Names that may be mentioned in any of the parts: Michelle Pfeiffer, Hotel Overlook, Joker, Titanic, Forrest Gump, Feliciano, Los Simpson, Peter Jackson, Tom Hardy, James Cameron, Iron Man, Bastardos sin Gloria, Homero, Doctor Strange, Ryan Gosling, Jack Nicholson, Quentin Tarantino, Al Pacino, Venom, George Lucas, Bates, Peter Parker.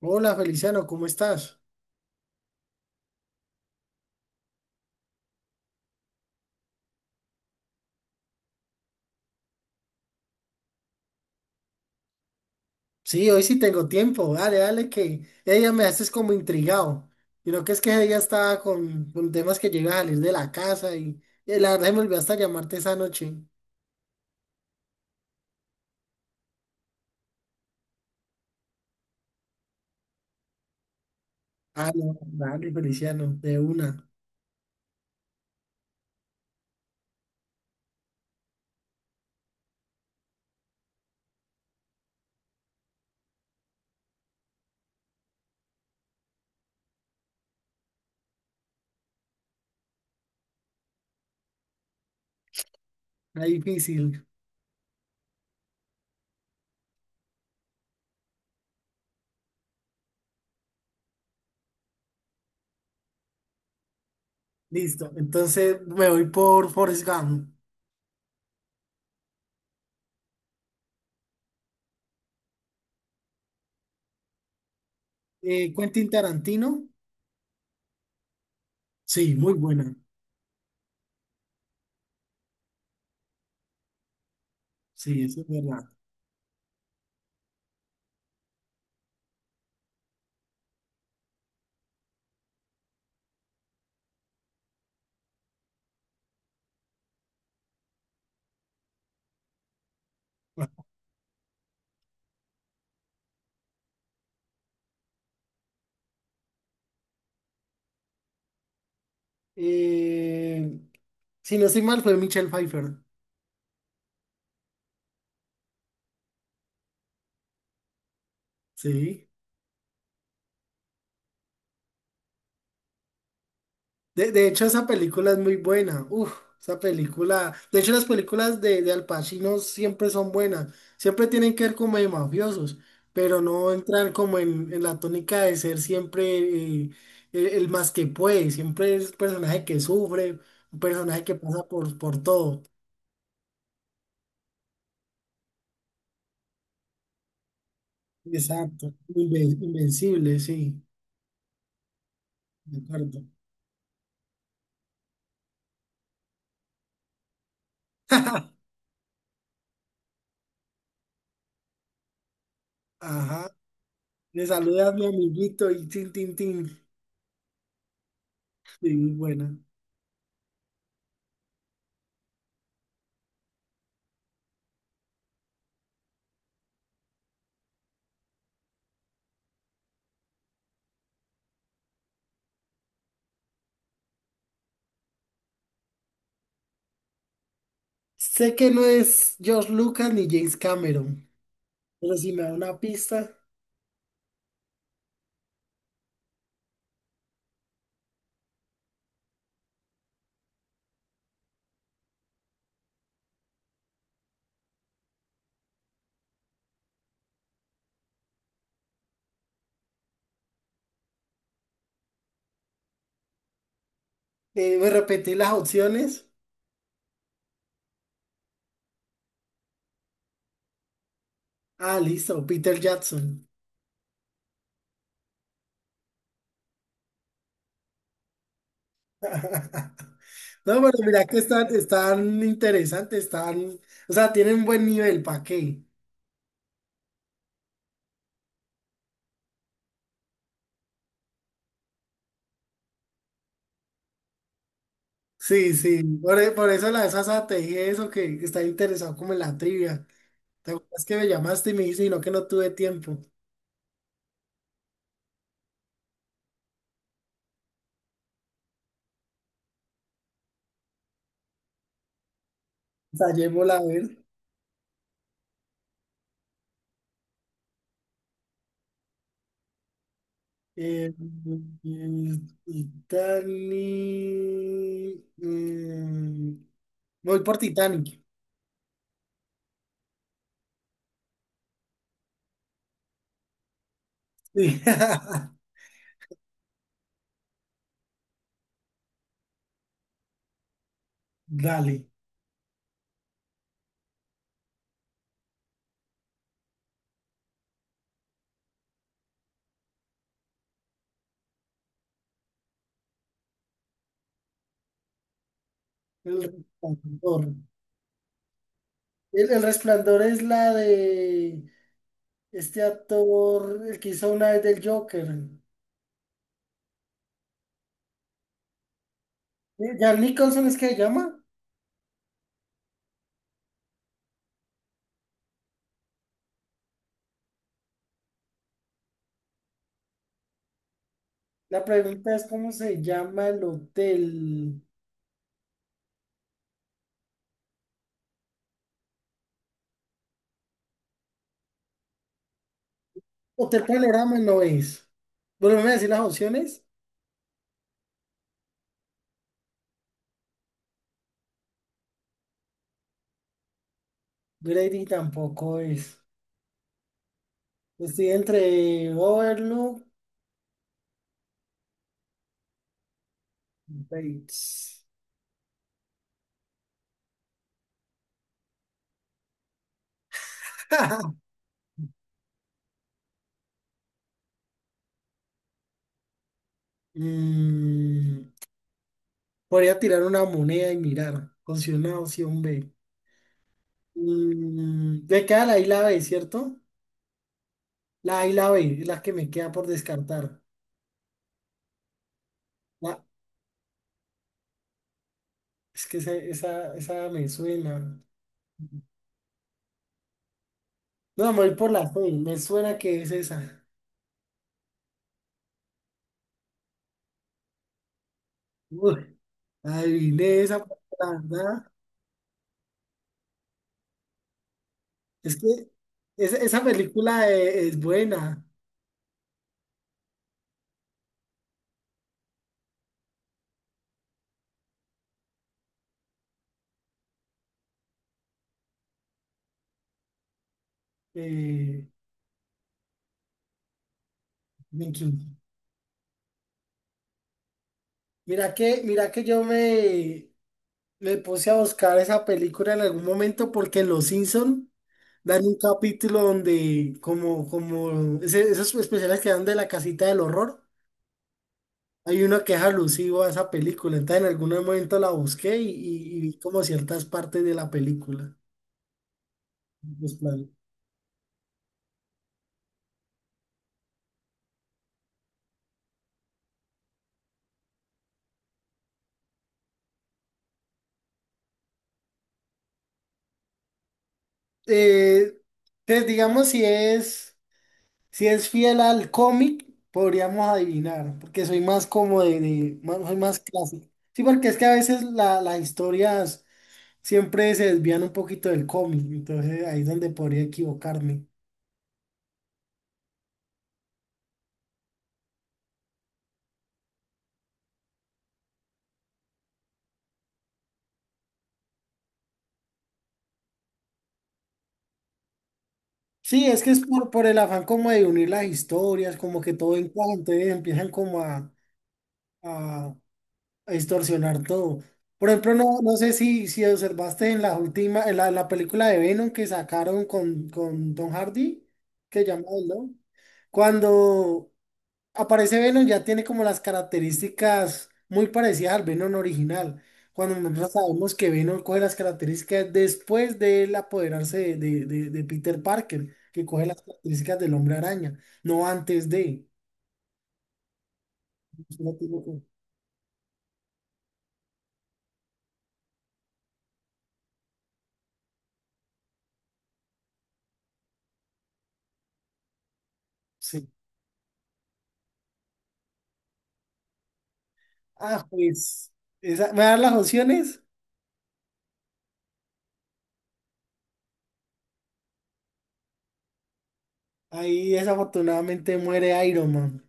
Hola Feliciano, ¿cómo estás? Sí, hoy sí tengo tiempo. Dale, dale, que ella me haces como intrigado. Y lo que es que ella estaba con temas que llega a salir de la casa y la verdad se me olvidó hasta llamarte esa noche. Ah, no, dale, Feliciano, de una. Está difícil. Listo, entonces me voy por Forrest Gump. Quentin Tarantino. Sí, muy buena. Sí, eso es verdad. Eh, si no estoy mal, fue Michelle Pfeiffer. Sí. De hecho, esa película es muy buena. Uf, esa película. De hecho, las películas de Al Pacino siempre son buenas. Siempre tienen que ver como de mafiosos, pero no entran como en la tónica de ser siempre el más que puede. Siempre es un personaje que sufre, un personaje que pasa por todo. Exacto. Invencible, sí. De acuerdo. Ajá. Le saludas, a mi amiguito, y tin, tin, tin. Sí, muy buena. Sé que no es George Lucas ni James Cameron, pero si me da una pista, me repetí las opciones. Ah, listo, Peter Jackson. No, pero mira que están, están interesantes, están, o sea, tienen buen nivel, ¿para qué? Sí, sí, por eso la de Sasa te dije eso, que está interesado como en la trivia. ¿Te acuerdas que me llamaste y me dijiste, "Y no, que no tuve tiempo? O sea, llevo la ver. Eh, eh, Titanic. Voy por Titanic. Sí. Dale. El resplandor. El resplandor es la de este actor, el que hizo una vez del Joker. ¿Jack Nicholson es que se llama? La pregunta es cómo se llama el hotel. Hotel Panorama no es. Volveme a decir las opciones. Grady tampoco es. Estoy entre Overlook y Bates. Mm, Podría tirar una moneda y mirar. Considero una opción B. Me queda la I y la B, ¿cierto? La A y la B es la que me queda por descartar. La- es que esa me suena. No, me voy por la C. Me suena que es esa. Uy, adiviné esa, porque la verdad. Es que esa película es buena. Eh, Mickey. Mira que yo me, Me puse a buscar esa película en algún momento porque en Los Simpson dan un capítulo donde como esos especiales que dan de la casita del horror, hay uno que es alusivo a esa película. Entonces en algún momento la busqué y, y vi como ciertas partes de la película. Los planos. Eh, entonces digamos si es. Si es fiel al cómic, podríamos adivinar, porque soy más como soy más clásico. Sí, porque es que a veces las historias siempre se desvían un poquito del cómic, entonces ahí es donde podría equivocarme. Sí, es que es por el afán como de unir las historias, como que todo encaja, entonces empiezan como a, a distorsionar todo. Por ejemplo, no, no sé si observaste en la última, en la película de Venom que sacaron con Tom Hardy, que llama el Don. Cuando aparece Venom ya tiene como las características muy parecidas al Venom original. Cuando nosotros sabemos que Venom coge las características después de él apoderarse de Peter Parker, que coge las características del hombre araña, no antes de. Sí. Ah, pues, me dan las opciones. Ahí desafortunadamente muere Iron Man.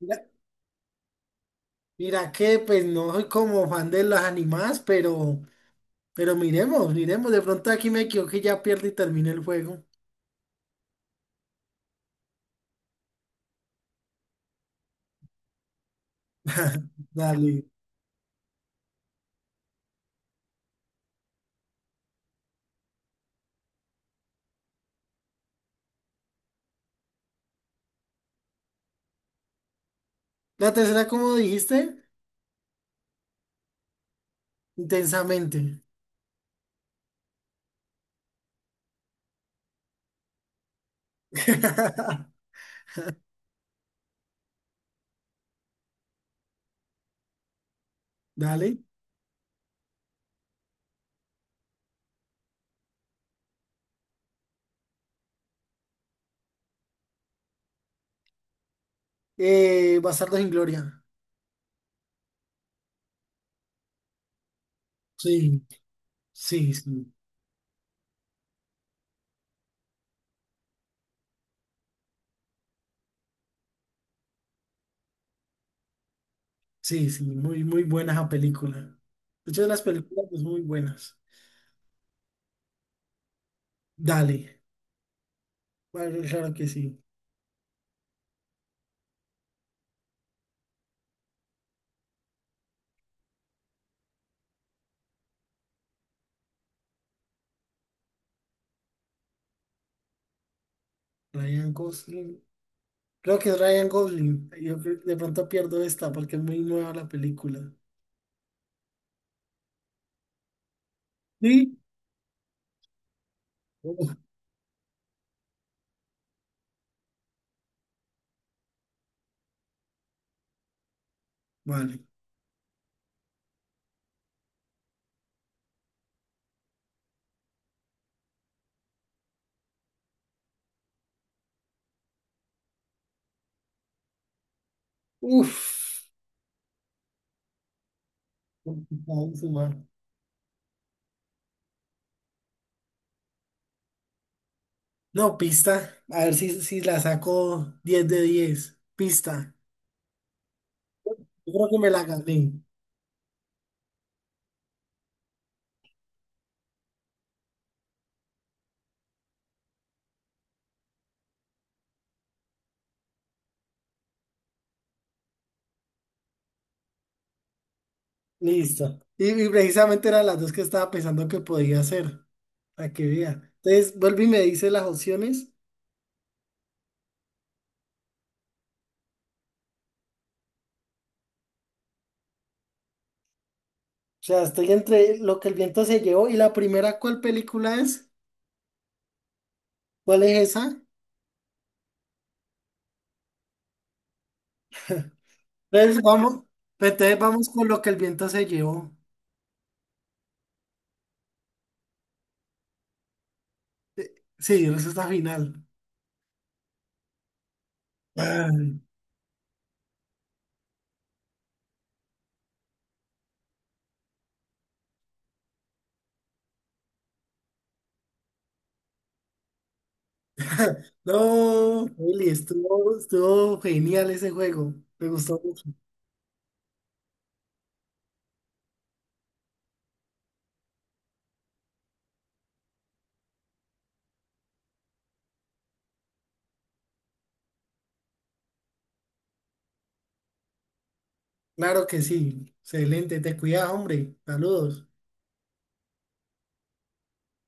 Mira, mira que pues no soy como fan de las animadas, pero miremos, miremos. De pronto aquí me equivoqué, y ya pierdo y termina el juego. Dale. La tercera, como dijiste, intensamente. Dale. Bastardos sin Gloria. Sí, sí, sí, sí, sí. Muy, muy buena esa película. Muchas de las películas pues, muy buenas. Dale. Bueno, claro que sí. Ryan Gosling. Creo que es Ryan Gosling. Yo creo- de pronto pierdo esta porque es muy nueva la película. Sí. Uf, vale. Uf. Complicadísima. No, pista. A ver si, si la saco 10 de 10, pista. Yo creo que me la gané. Listo. Y precisamente eran las dos que estaba pensando que podía hacer. Para que vea. Entonces, vuelve y me dice las opciones. O sea, estoy entre lo que el viento se llevó y la primera, ¿cuál película es? ¿Cuál es esa? Entonces vamos, entonces vamos con lo que el viento se llevó. Sí, respuesta final. Ay, no, Eli, estuvo, estuvo genial ese juego. Me gustó mucho. Claro que sí. Excelente. Te cuidas, hombre. Saludos.